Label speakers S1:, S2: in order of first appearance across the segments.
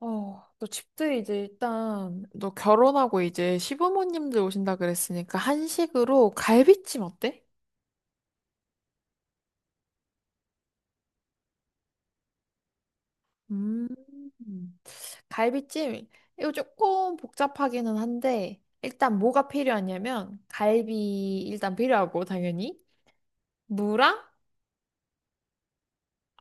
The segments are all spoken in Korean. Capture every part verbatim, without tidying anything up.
S1: 어, 너 집들 이제 일단 너 결혼하고 이제 시부모님들 오신다 그랬으니까 한식으로 갈비찜 어때? 음, 갈비찜 이거 조금 복잡하기는 한데 일단 뭐가 필요하냐면 갈비 일단 필요하고 당연히 무랑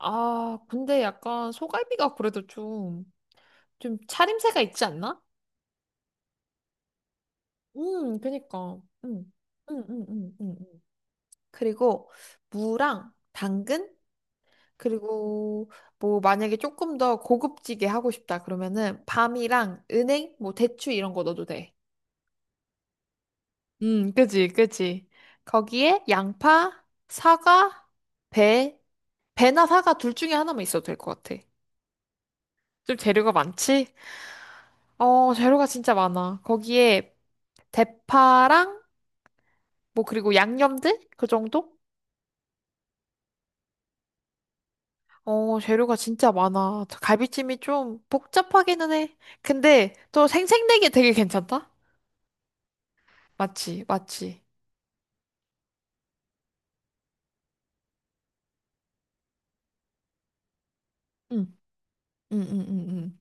S1: 아 근데 약간 소갈비가 그래도 좀 좀 차림새가 있지 않나? 음 그니까 음음음음음 음, 음, 음, 음, 음. 그리고 무랑 당근 그리고 뭐 만약에 조금 더 고급지게 하고 싶다 그러면은 밤이랑 은행 뭐 대추 이런 거 넣어도 돼. 음, 그지, 그지. 거기에 양파, 사과, 배, 배나 사과 둘 중에 하나만 있어도 될 것 같아. 좀 재료가 많지? 어, 재료가 진짜 많아. 거기에 대파랑 뭐 그리고 양념들 그 정도? 어, 재료가 진짜 많아. 갈비찜이 좀 복잡하기는 해. 근데 또 생생내기 되게 괜찮다. 맞지, 맞지. 응. 응, 응, 응, 응.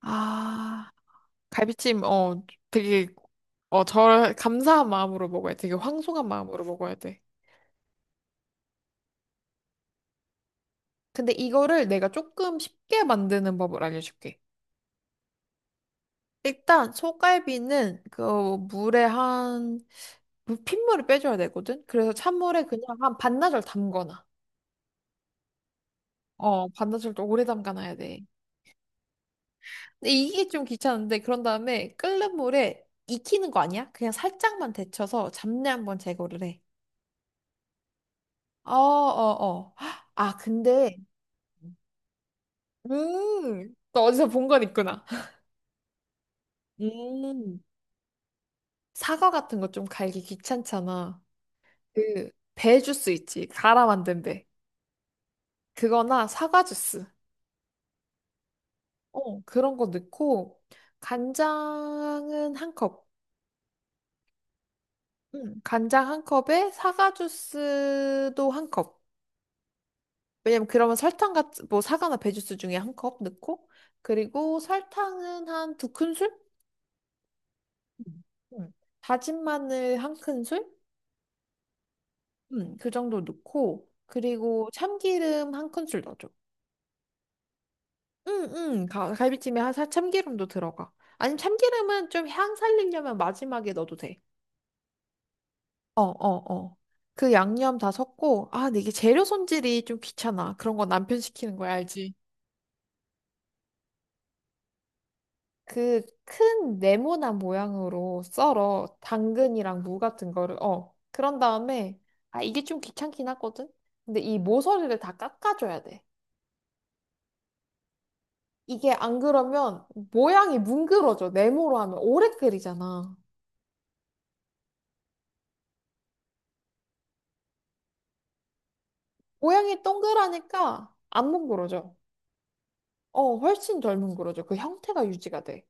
S1: 아, 갈비찜, 어, 되게, 어, 절, 감사한 마음으로 먹어야 돼. 되게 황송한 마음으로 먹어야 돼. 근데 이거를 내가 조금 쉽게 만드는 법을 알려줄게. 일단, 소갈비는 그 물에 한, 물- 핏물을 빼줘야 되거든? 그래서 찬물에 그냥 한 반나절 담거나, 어, 반나절 또 오래 담가놔야 돼. 근데 이게 좀 귀찮은데 그런 다음에 끓는 물에 익히는 거 아니야? 그냥 살짝만 데쳐서 잡내 한번 제거를 해. 어, 어, 어. 아, 근데 음, 너 어디서 본 건 있구나. 음, 사과 같은 거 좀 갈기 귀찮잖아. 그, 배 주스 있지. 갈아 만든 배. 그거나 사과 주스. 어, 그런 거 넣고, 간장은 한 컵. 음, 간장 한 컵에 사과 주스도 한 컵. 왜냐면 그러면 설탕 같은 뭐 사과나 배주스 중에 한 컵 넣고 그리고 설탕은 한 두 큰술? 음, 음. 다진 마늘 한 큰술? 음, 그 정도 넣고 그리고 참기름 한 큰술 넣어줘. 응, 응. 가- 갈비찜에 한 살 참기름도 들어가. 아니면 참기름은 좀 향 살리려면 마지막에 넣어도 돼. 어, 어, 어. 그 양념 다 섞고 아, 근데 이게 재료 손질이 좀 귀찮아. 그런 거 남편 시키는 거야, 알지? 그 큰 네모난 모양으로 썰어 당근이랑 무 같은 거를 어 그런 다음에 아 이게 좀 귀찮긴 하거든. 근데 이 모서리를 다 깎아줘야 돼. 이게 안 그러면 모양이 뭉그러져. 네모로 하면 오래 끓이잖아. 모양이 동그라니까 안 뭉그러져. 어 훨씬 덜 뭉그러져. 그 형태가 유지가 돼.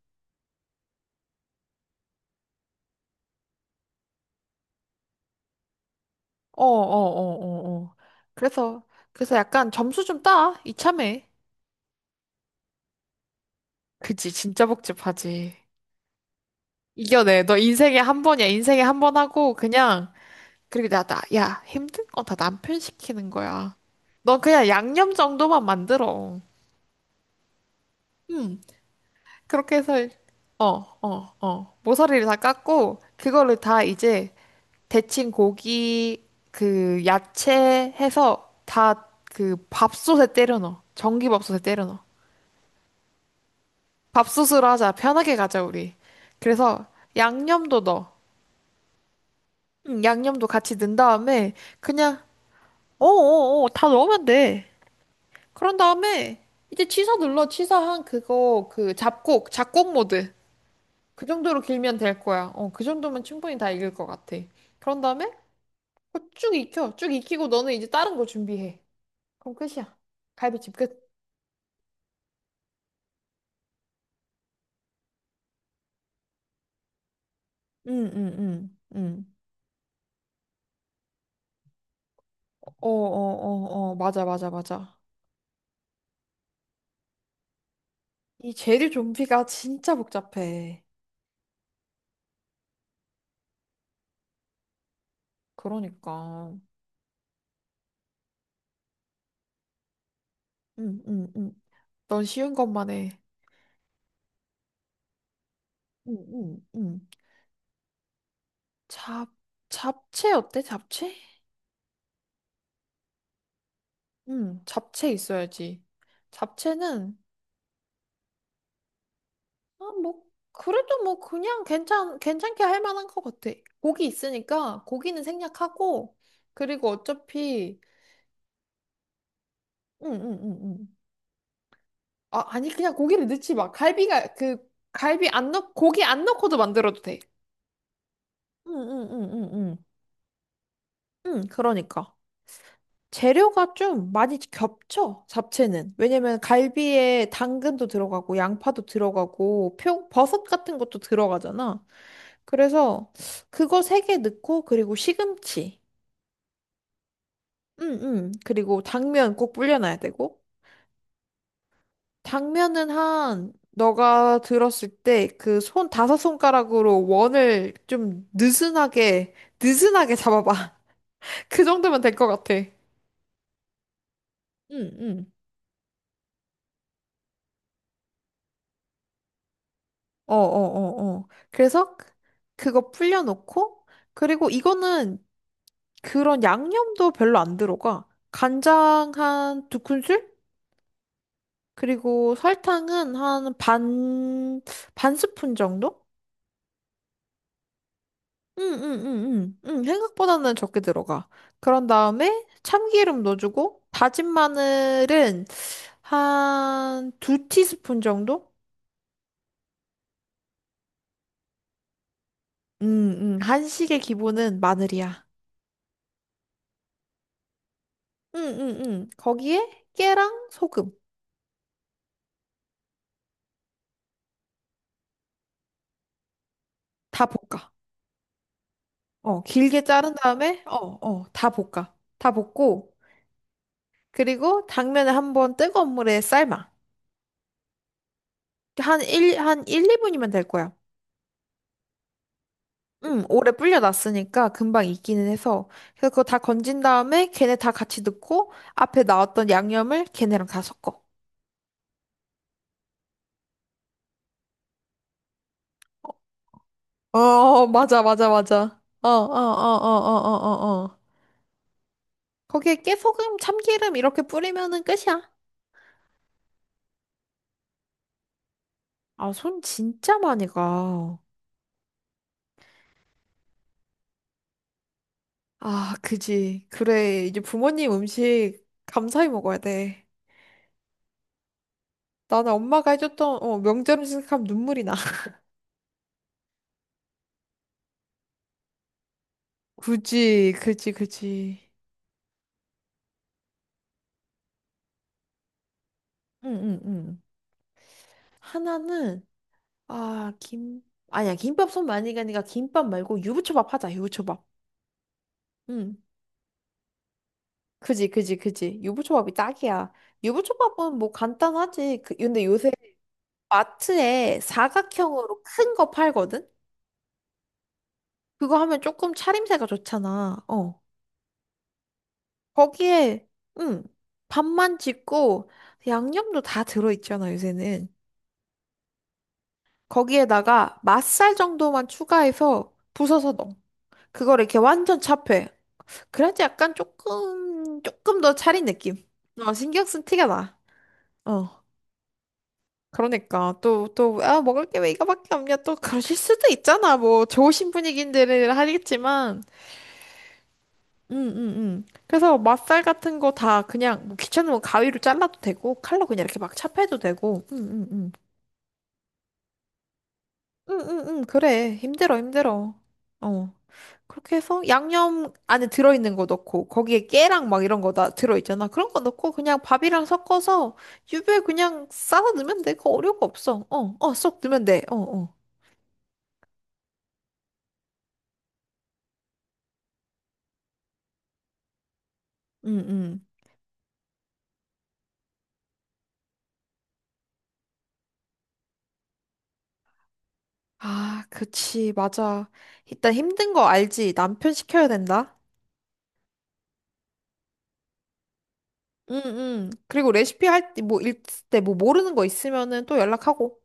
S1: 어 어 어 어어 그래서 그래서 약간 점수 좀 따 이참에. 그치 진짜 복잡하지. 이겨내. 너 인생에 한 번이야. 인생에 한 번 하고 그냥 그리고 나, 나, 야, 힘든 건 다 남편 시키는 거야. 넌 그냥 양념 정도만 만들어. 음, 그렇게 해서 어, 어, 어. 모서리를 다 깎고 그거를 다 이제 데친 고기 그 야채 해서 다 그 밥솥에 때려 넣어. 전기밥솥에 때려 넣어. 밥솥으로 하자. 편하게 가자, 우리. 그래서 양념도 넣어. 음, 양념도 같이 넣은 다음에 그냥 어어어, 다 넣으면 돼. 그런 다음에 이제 취사 눌러. 취사한 그거 그 잡곡, 잡곡 모드. 그 정도로 길면 될 거야. 어, 그 정도면 충분히 다 익을 것 같아. 그런 다음에 그거 쭉 익혀. 쭉 익히고 너는 이제 다른 거 준비해. 그럼 끝이야. 갈비찜 끝. 응, 응, 응, 응. 어, 어, 어, 어, 맞아, 맞아, 맞아. 이 재료 좀비가 진짜 복잡해. 그러니까. 응, 응, 응. 넌 쉬운 것만 해. 응, 응, 응. 잡, 잡채 어때? 잡채? 응, 잡채 있어야지. 잡채는, 아, 뭐, 그래도 뭐, 그냥 괜찮, 괜찮게 할 만한 것 같아. 고기 있으니까, 고기는 생략하고, 그리고 어차피, 응, 응, 응, 응. 아, 아니, 그냥 고기를 넣지 마. 갈비가, 그, 갈비 안 넣, 고기 안 넣고도 만들어도 돼. 응, 응, 응, 응, 응. 응, 그러니까. 재료가 좀 많이 겹쳐, 잡채는. 왜냐면 갈비에 당근도 들어가고, 양파도 들어가고, 표, 버섯 같은 것도 들어가잖아. 그래서 그거 세 개 넣고, 그리고 시금치. 응, 응. 그리고 당면 꼭 불려놔야 되고. 당면은 한, 너가 들었을 때 그 손 다섯 손가락으로 원을 좀 느슨하게, 느슨하게 잡아봐. 그 정도면 될 것 같아. 응, 응. 어, 어, 어, 어. 그래서 그- 그거 풀려놓고, 그리고 이거는 그런 양념도 별로 안 들어가. 간장 한 두 큰술? 그리고 설탕은 한 반, 반 스푼 정도? 응, 응, 응, 응. 응, 생각보다는 적게 들어가. 그런 다음에 참기름 넣어주고, 다진 마늘은 한 두 티스푼 정도? 응, 응. 한식의 기본은 마늘이야. 응, 응, 응. 거기에 깨랑 소금. 다 볶아. 어, 길게 자른 다음에, 어, 어, 다 볶아. 다 볶고, 그리고 당면을 한번 뜨거운 물에 삶아. 한 일, 한 일, 이 분이면 될 거야. 응, 오래 불려놨으니까 금방 익기는 해서. 그래서 그거 다 건진 다음에 걔네 다 같이 넣고, 앞에 나왔던 양념을 걔네랑 다 섞어. 어, 맞아, 맞아, 맞아. 어, 어, 어, 어, 어, 어, 어. 어. 거기에 깨소금, 참기름 이렇게 뿌리면은 끝이야. 아, 손 진짜 많이 가. 아, 그지. 그래. 이제 부모님 음식 감사히 먹어야 돼. 나는 엄마가 해줬던, 어, 명절 음식 생각하면 눈물이 나. 그지, 그지, 그지. 응, 응, 응. 하나는, 아, 김, 아니야, 김밥 손 많이 가니까 김밥 말고 유부초밥 하자, 유부초밥. 응. 그지, 그지, 그지. 유부초밥이 딱이야. 유부초밥은 뭐 간단하지. 그, 근데 요새 마트에 사각형으로 큰 거 팔거든? 그거 하면 조금 차림새가 좋잖아. 어. 거기에 음 밥만 짓고 양념도 다 들어있잖아 요새는. 거기에다가 맛살 정도만 추가해서 부숴서 넣어. 그걸 이렇게 완전 차해. 그래야지 약간 조금 조금 더 차린 느낌. 어 신경 쓴 티가 나어 그러니까 또 또 아 먹을 게 왜 이거밖에 없냐 또 그러실 수도 있잖아. 뭐 좋으신 분위기인들 하겠지만 응응응. 그래서 맛살 같은 거 다 그냥 뭐 귀찮으면 뭐 가위로 잘라도 되고 칼로 그냥 이렇게 막 찹해도 되고. 응응응. 응응응. 그래. 힘들어 힘들어. 어. 그렇게 해서 양념 안에 들어있는 거 넣고 거기에 깨랑 막 이런 거 다 들어있잖아. 그런 거 넣고 그냥 밥이랑 섞어서 유부에 그냥 싸서 넣으면 돼. 그거 어려울 거 없어. 어, 어, 쏙 넣으면 돼. 어, 어. 응, 응. 아, 그치. 맞아. 일단 힘든 거 알지. 남편 시켜야 된다. 응, 응. 그리고 레시피 할 때, 뭐, 읽을 때, 뭐, 모르는 거 있으면은 또 연락하고.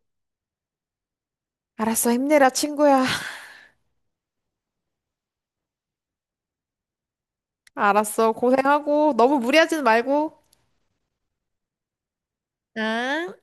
S1: 알았어, 힘내라, 친구야. 알았어, 고생하고. 너무 무리하지는 말고. 응?